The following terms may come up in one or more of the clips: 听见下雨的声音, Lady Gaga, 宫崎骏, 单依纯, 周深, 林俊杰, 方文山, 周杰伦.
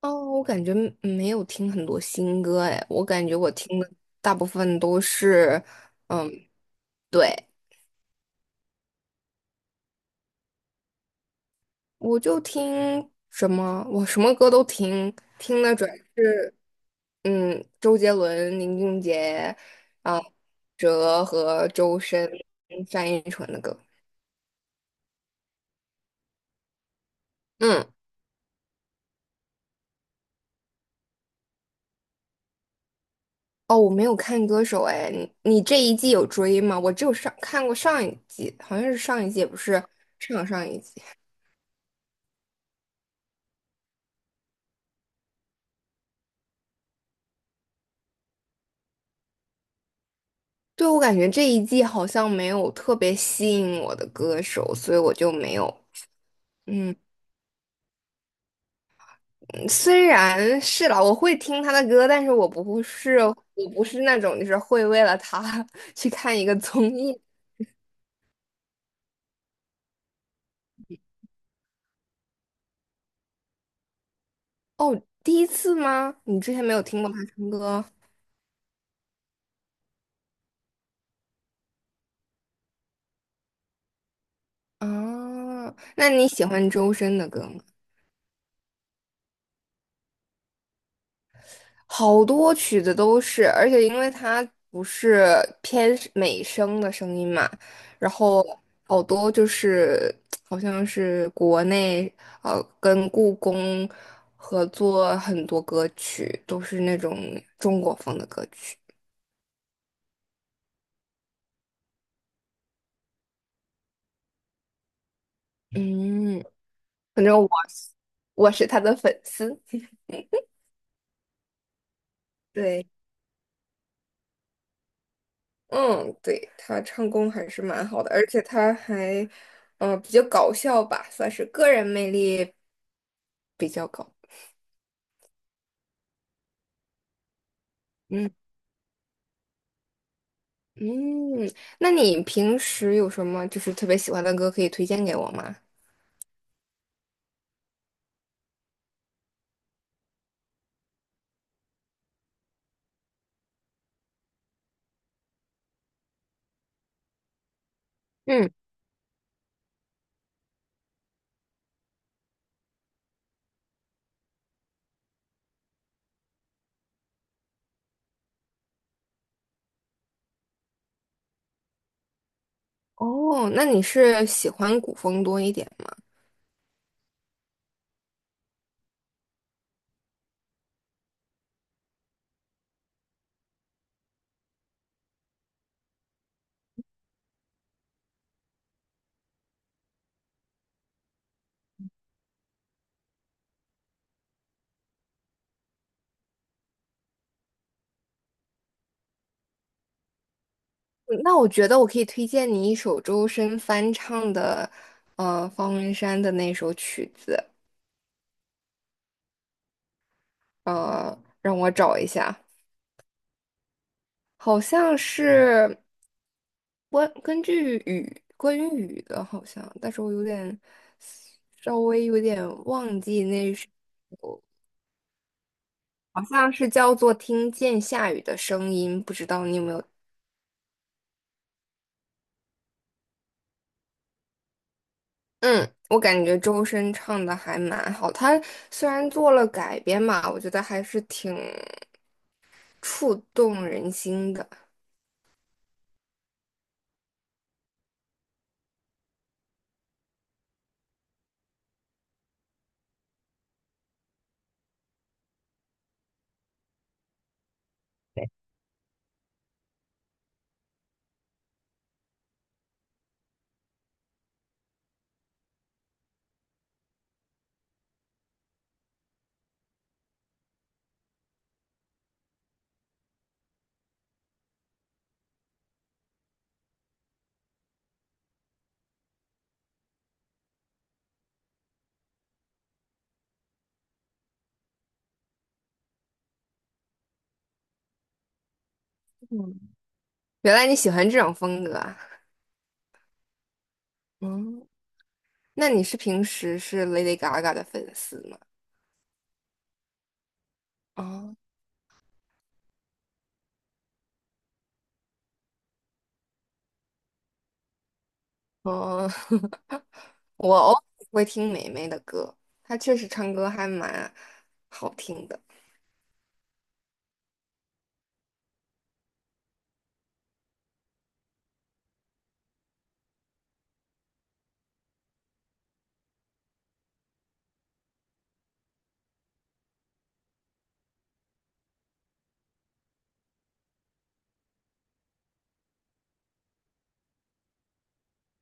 哦，我感觉没有听很多新歌哎，我感觉我听的大部分都是，嗯，对，我就听什么，我什么歌都听，听的主要是周杰伦、林俊杰啊、哲和周深、单依纯的歌。嗯，哦，我没有看歌手哎，你这一季有追吗？我只有看过上一季，好像是上一季，也不是上上一季。对，我感觉这一季好像没有特别吸引我的歌手，所以我就没有。嗯，嗯虽然是啦，我会听他的歌，但是我不是那种就是会为了他 去看一个综艺。哦，第一次吗？你之前没有听过他唱歌啊？那你喜欢周深的歌吗？好多曲子都是，而且因为它不是偏是美声的声音嘛，然后好多就是好像是国内跟故宫合作很多歌曲，都是那种中国风的歌曲。嗯，反正我是他的粉丝。对，嗯，对，他唱功还是蛮好的，而且他还比较搞笑吧，算是个人魅力比较高。嗯嗯，那你平时有什么就是特别喜欢的歌可以推荐给我吗？嗯，哦，那你是喜欢古风多一点吗？嗯那我觉得我可以推荐你一首周深翻唱的，方文山的那首曲子，让我找一下，好像是关于雨的，好像，但是我稍微有点忘记那首。好像是叫做《听见下雨的声音》，不知道你有没有？嗯，我感觉周深唱的还蛮好，他虽然做了改编嘛，我觉得还是挺触动人心的。嗯原来你喜欢这种风格啊？嗯那你平时是 Lady Gaga 的粉丝吗？啊哦，我偶尔会听霉霉的歌，她确实唱歌还蛮好听的。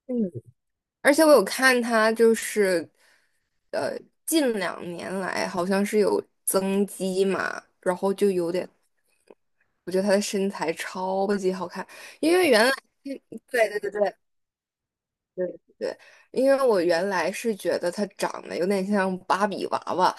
嗯而且我有看她，就是呃，近两年来好像是有增肌嘛，然后就有点，我觉得她的身材超级好看，因为原来，嗯对对对对对对，因为我原来是觉得她长得有点像芭比娃娃，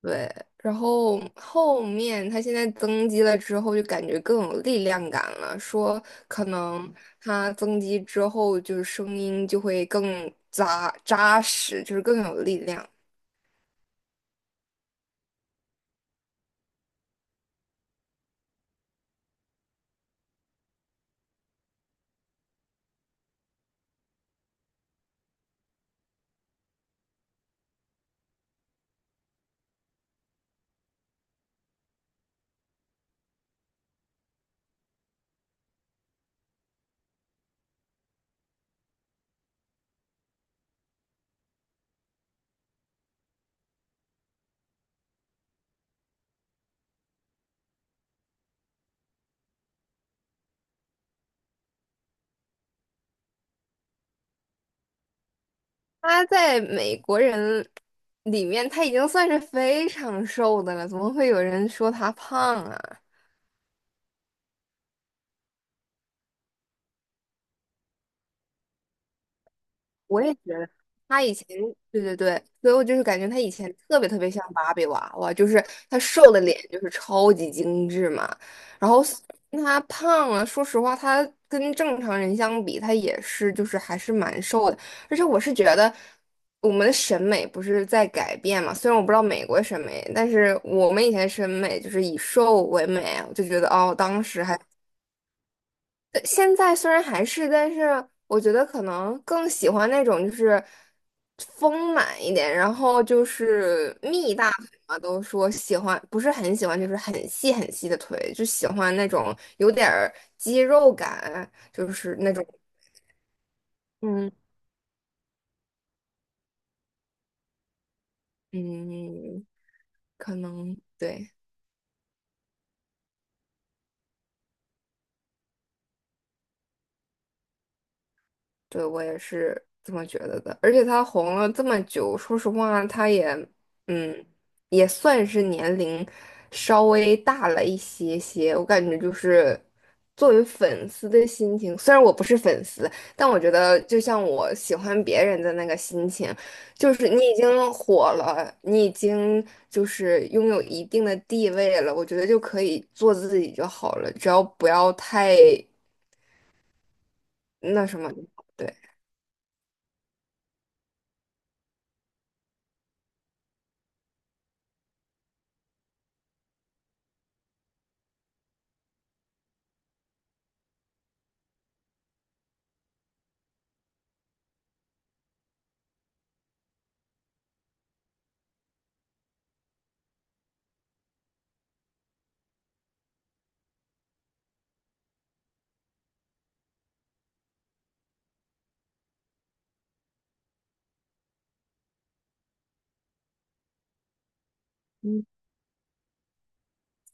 对，然后后面她现在增肌了之后，就感觉更有力量感了，说可能她增肌之后，就是声音就会更扎扎实，就是更有力量。他在美国人里面，他已经算是非常瘦的了，怎么会有人说他胖啊？我也觉得他以前，对对对，所以我就是感觉他以前特别特别像芭比娃娃，就是他瘦的脸就是超级精致嘛，然后他胖了，说实话，他跟正常人相比，他也是就是还是蛮瘦的，而且我是觉得我们的审美不是在改变嘛，虽然我不知道美国审美，但是我们以前审美就是以瘦为美，我就觉得哦，当时还。对，现在虽然还是，但是我觉得可能更喜欢那种就是丰满一点，然后就是蜜大腿嘛，都说喜欢，不是很喜欢，就是很细很细的腿，就喜欢那种有点儿肌肉感，就是那种，嗯嗯，可能对。对，我也是这么觉得的。而且他红了这么久，说实话，他也，嗯，也算是年龄稍微大了一些些。我感觉就是作为粉丝的心情，虽然我不是粉丝，但我觉得就像我喜欢别人的那个心情，就是你已经火了，你已经就是拥有一定的地位了，我觉得就可以做自己就好了，只要不要太那什么。对。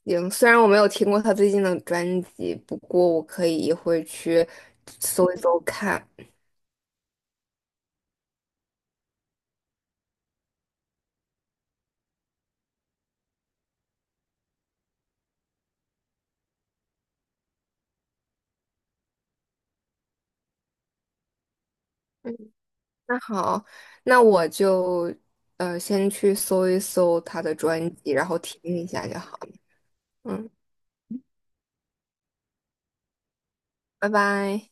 行，虽然我没有听过他最近的专辑，不过我可以一会儿去搜一搜看。嗯，那好，那我就先去搜一搜他的专辑，然后听一下就好了嗯，拜拜。